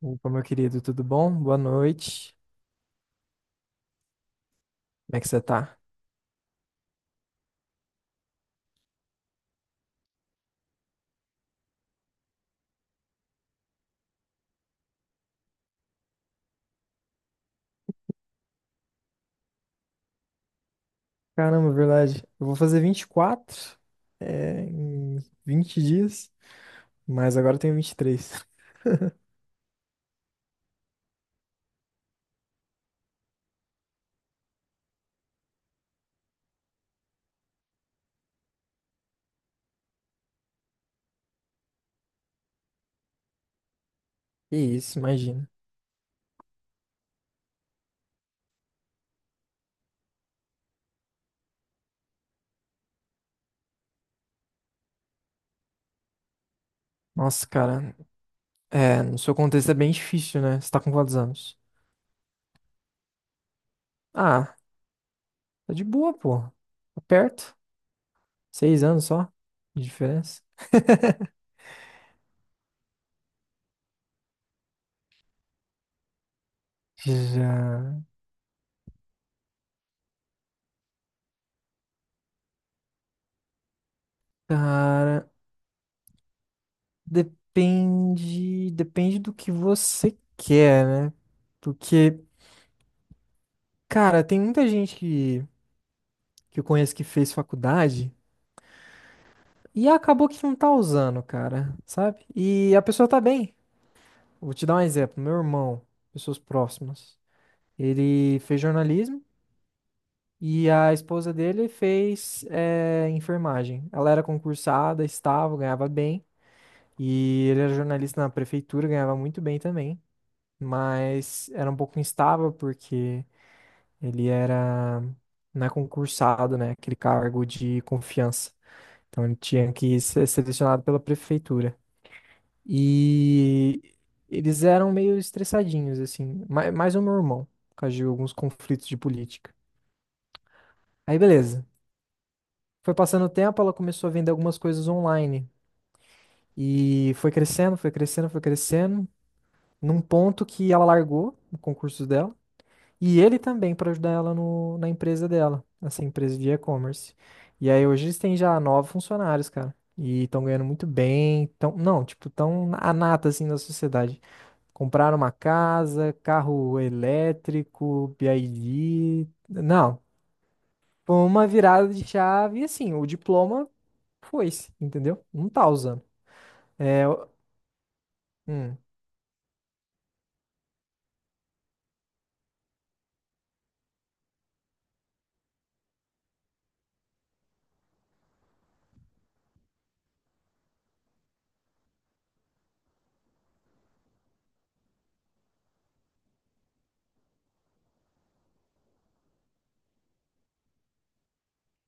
Opa, meu querido, tudo bom? Boa noite. Como é que você tá? Caramba, verdade. Eu vou fazer 24, é, em 20 dias, mas agora eu tenho 23. Que isso, imagina. Nossa, cara, é, no seu contexto é bem difícil, né? Você tá com quantos anos? Ah, tá de boa, pô. Tá perto. 6 anos só de diferença. Já. Cara, depende, depende do que você quer, né? Porque cara, tem muita gente que eu conheço que fez faculdade e acabou que não tá usando, cara, sabe? E a pessoa tá bem. Vou te dar um exemplo. Meu irmão, pessoas próximas, ele fez jornalismo e a esposa dele fez enfermagem. Ela era concursada, estava, ganhava bem. E ele era jornalista na prefeitura, ganhava muito bem também. Mas era um pouco instável porque ele era, não é concursado, né? Aquele cargo de confiança. Então ele tinha que ser selecionado pela prefeitura. E eles eram meio estressadinhos, assim. Mais o meu irmão, por causa de alguns conflitos de política. Aí beleza. Foi passando o tempo, ela começou a vender algumas coisas online. E foi crescendo, foi crescendo, foi crescendo. Num ponto que ela largou o concurso dela. E ele também para ajudar ela no, na empresa dela, essa empresa de e-commerce. E aí hoje eles têm já 9 funcionários, cara. E estão ganhando muito bem. Tão, não, tipo, estão a nata assim da sociedade. Compraram uma casa, carro elétrico, BYD. Não, foi uma virada de chave e assim, o diploma foi-se, entendeu? Não tá usando. É, hum,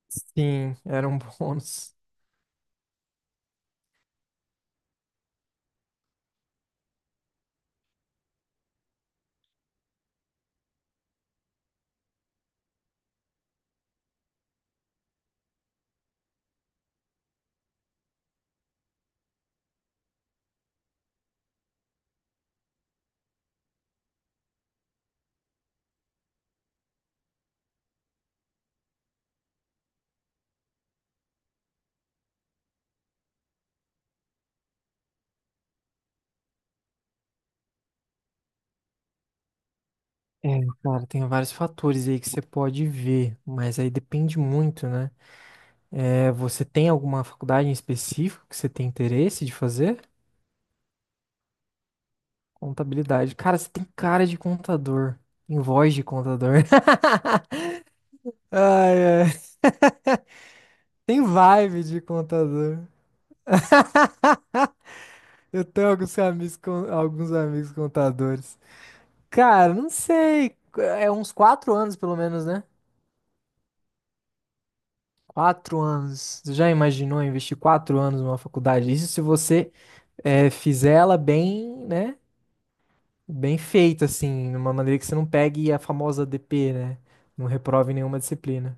sim, era um bônus. É, cara, tem vários fatores aí que você pode ver, mas aí depende muito, né? É, você tem alguma faculdade em específico que você tem interesse de fazer? Contabilidade. Cara, você tem cara de contador, tem voz de contador. Ai, ai. Tem vibe de contador. Eu tenho alguns amigos, alguns amigos contadores. Cara, não sei, é uns 4 anos pelo menos, né? 4 anos. Você já imaginou investir 4 anos numa faculdade? Isso se você fizer ela bem, né? Bem feita, assim, de uma maneira que você não pegue a famosa DP, né? Não reprove nenhuma disciplina.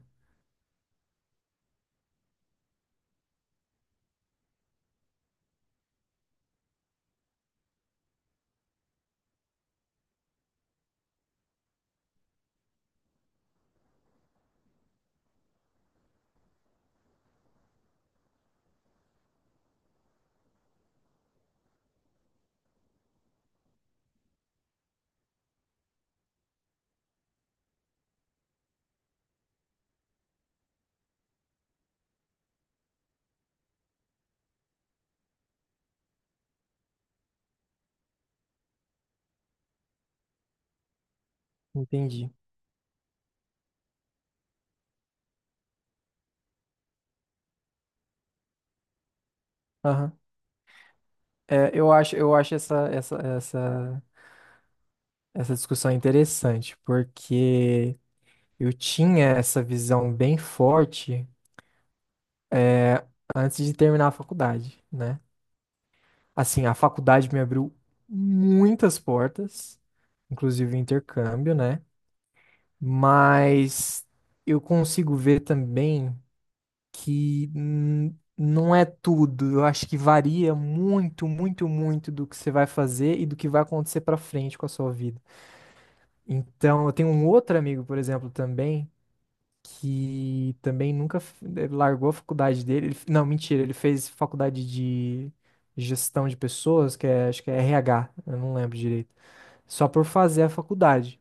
Entendi. Aham. É, eu acho essa discussão interessante, porque eu tinha essa visão bem forte é, antes de terminar a faculdade, né? Assim, a faculdade me abriu muitas portas, inclusive o intercâmbio, né? Mas eu consigo ver também que não é tudo. Eu acho que varia muito, muito, muito do que você vai fazer e do que vai acontecer pra frente com a sua vida. Então, eu tenho um outro amigo, por exemplo, também que também nunca f- eh, largou a faculdade dele. Não, mentira, ele fez faculdade de gestão de pessoas, que é, acho que é RH, eu não lembro direito. Só por fazer a faculdade.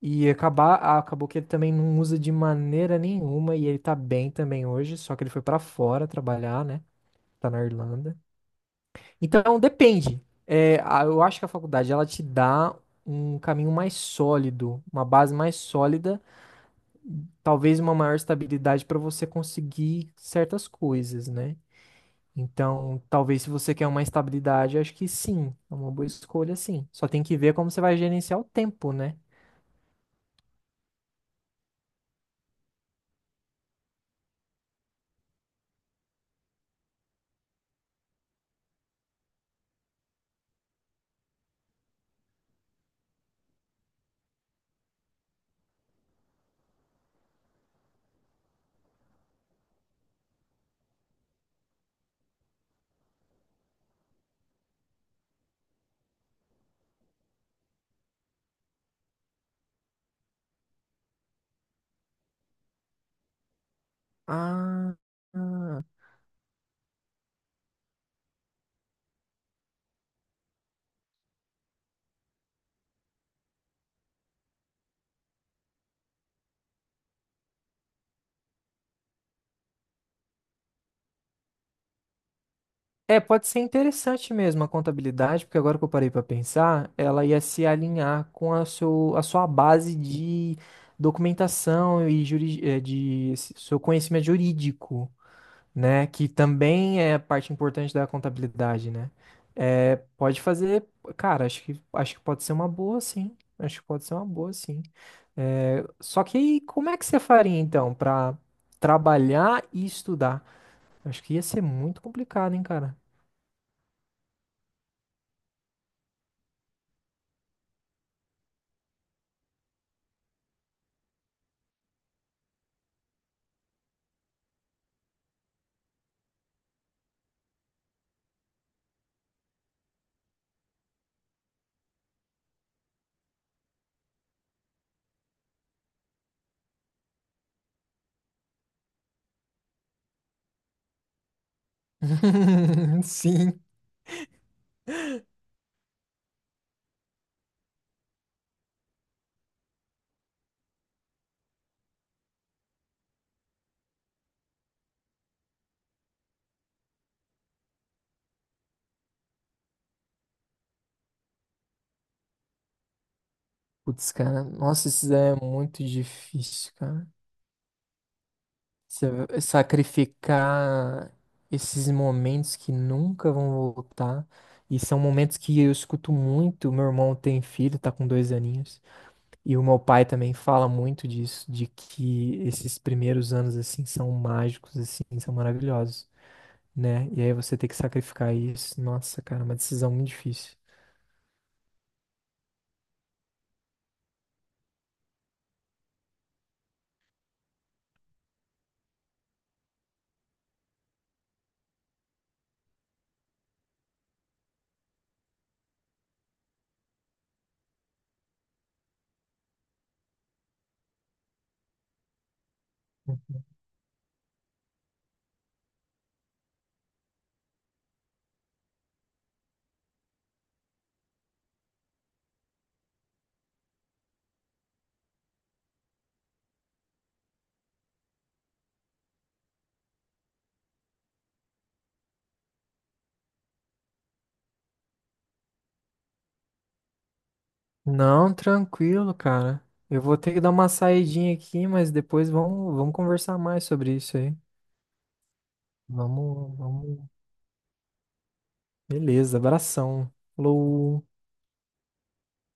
Acabou que ele também não usa de maneira nenhuma e ele tá bem também hoje, só que ele foi pra fora trabalhar, né? Tá na Irlanda. Então, depende. É, eu acho que a faculdade ela te dá um caminho mais sólido, uma base mais sólida talvez uma maior estabilidade para você conseguir certas coisas, né? Então, talvez se você quer uma estabilidade, acho que sim, é uma boa escolha, sim. Só tem que ver como você vai gerenciar o tempo, né? Ah, ah. É, pode ser interessante mesmo a contabilidade, porque agora que eu parei para pensar, ela ia se alinhar com a sua base de documentação e de seu conhecimento jurídico. Né? Que também é parte importante da contabilidade, né? É, pode fazer, cara, acho que pode ser uma boa, sim. Acho que pode ser uma boa, sim. É, só que aí, como é que você faria, então, pra trabalhar e estudar? Acho que ia ser muito complicado, hein, cara? Sim. Putz, cara, nossa, isso é muito difícil, cara. Você sacrificar esses momentos que nunca vão voltar. E são momentos que eu escuto muito. Meu irmão tem filho, tá com 2 aninhos. E o meu pai também fala muito disso, de que esses primeiros anos, assim, são mágicos, assim, são maravilhosos, né? E aí você tem que sacrificar isso. Nossa, cara, é uma decisão muito difícil. Uhum. Não, tranquilo, cara. Eu vou ter que dar uma saidinha aqui, mas depois vamos conversar mais sobre isso aí. Vamos, vamos beleza, abração. Falou.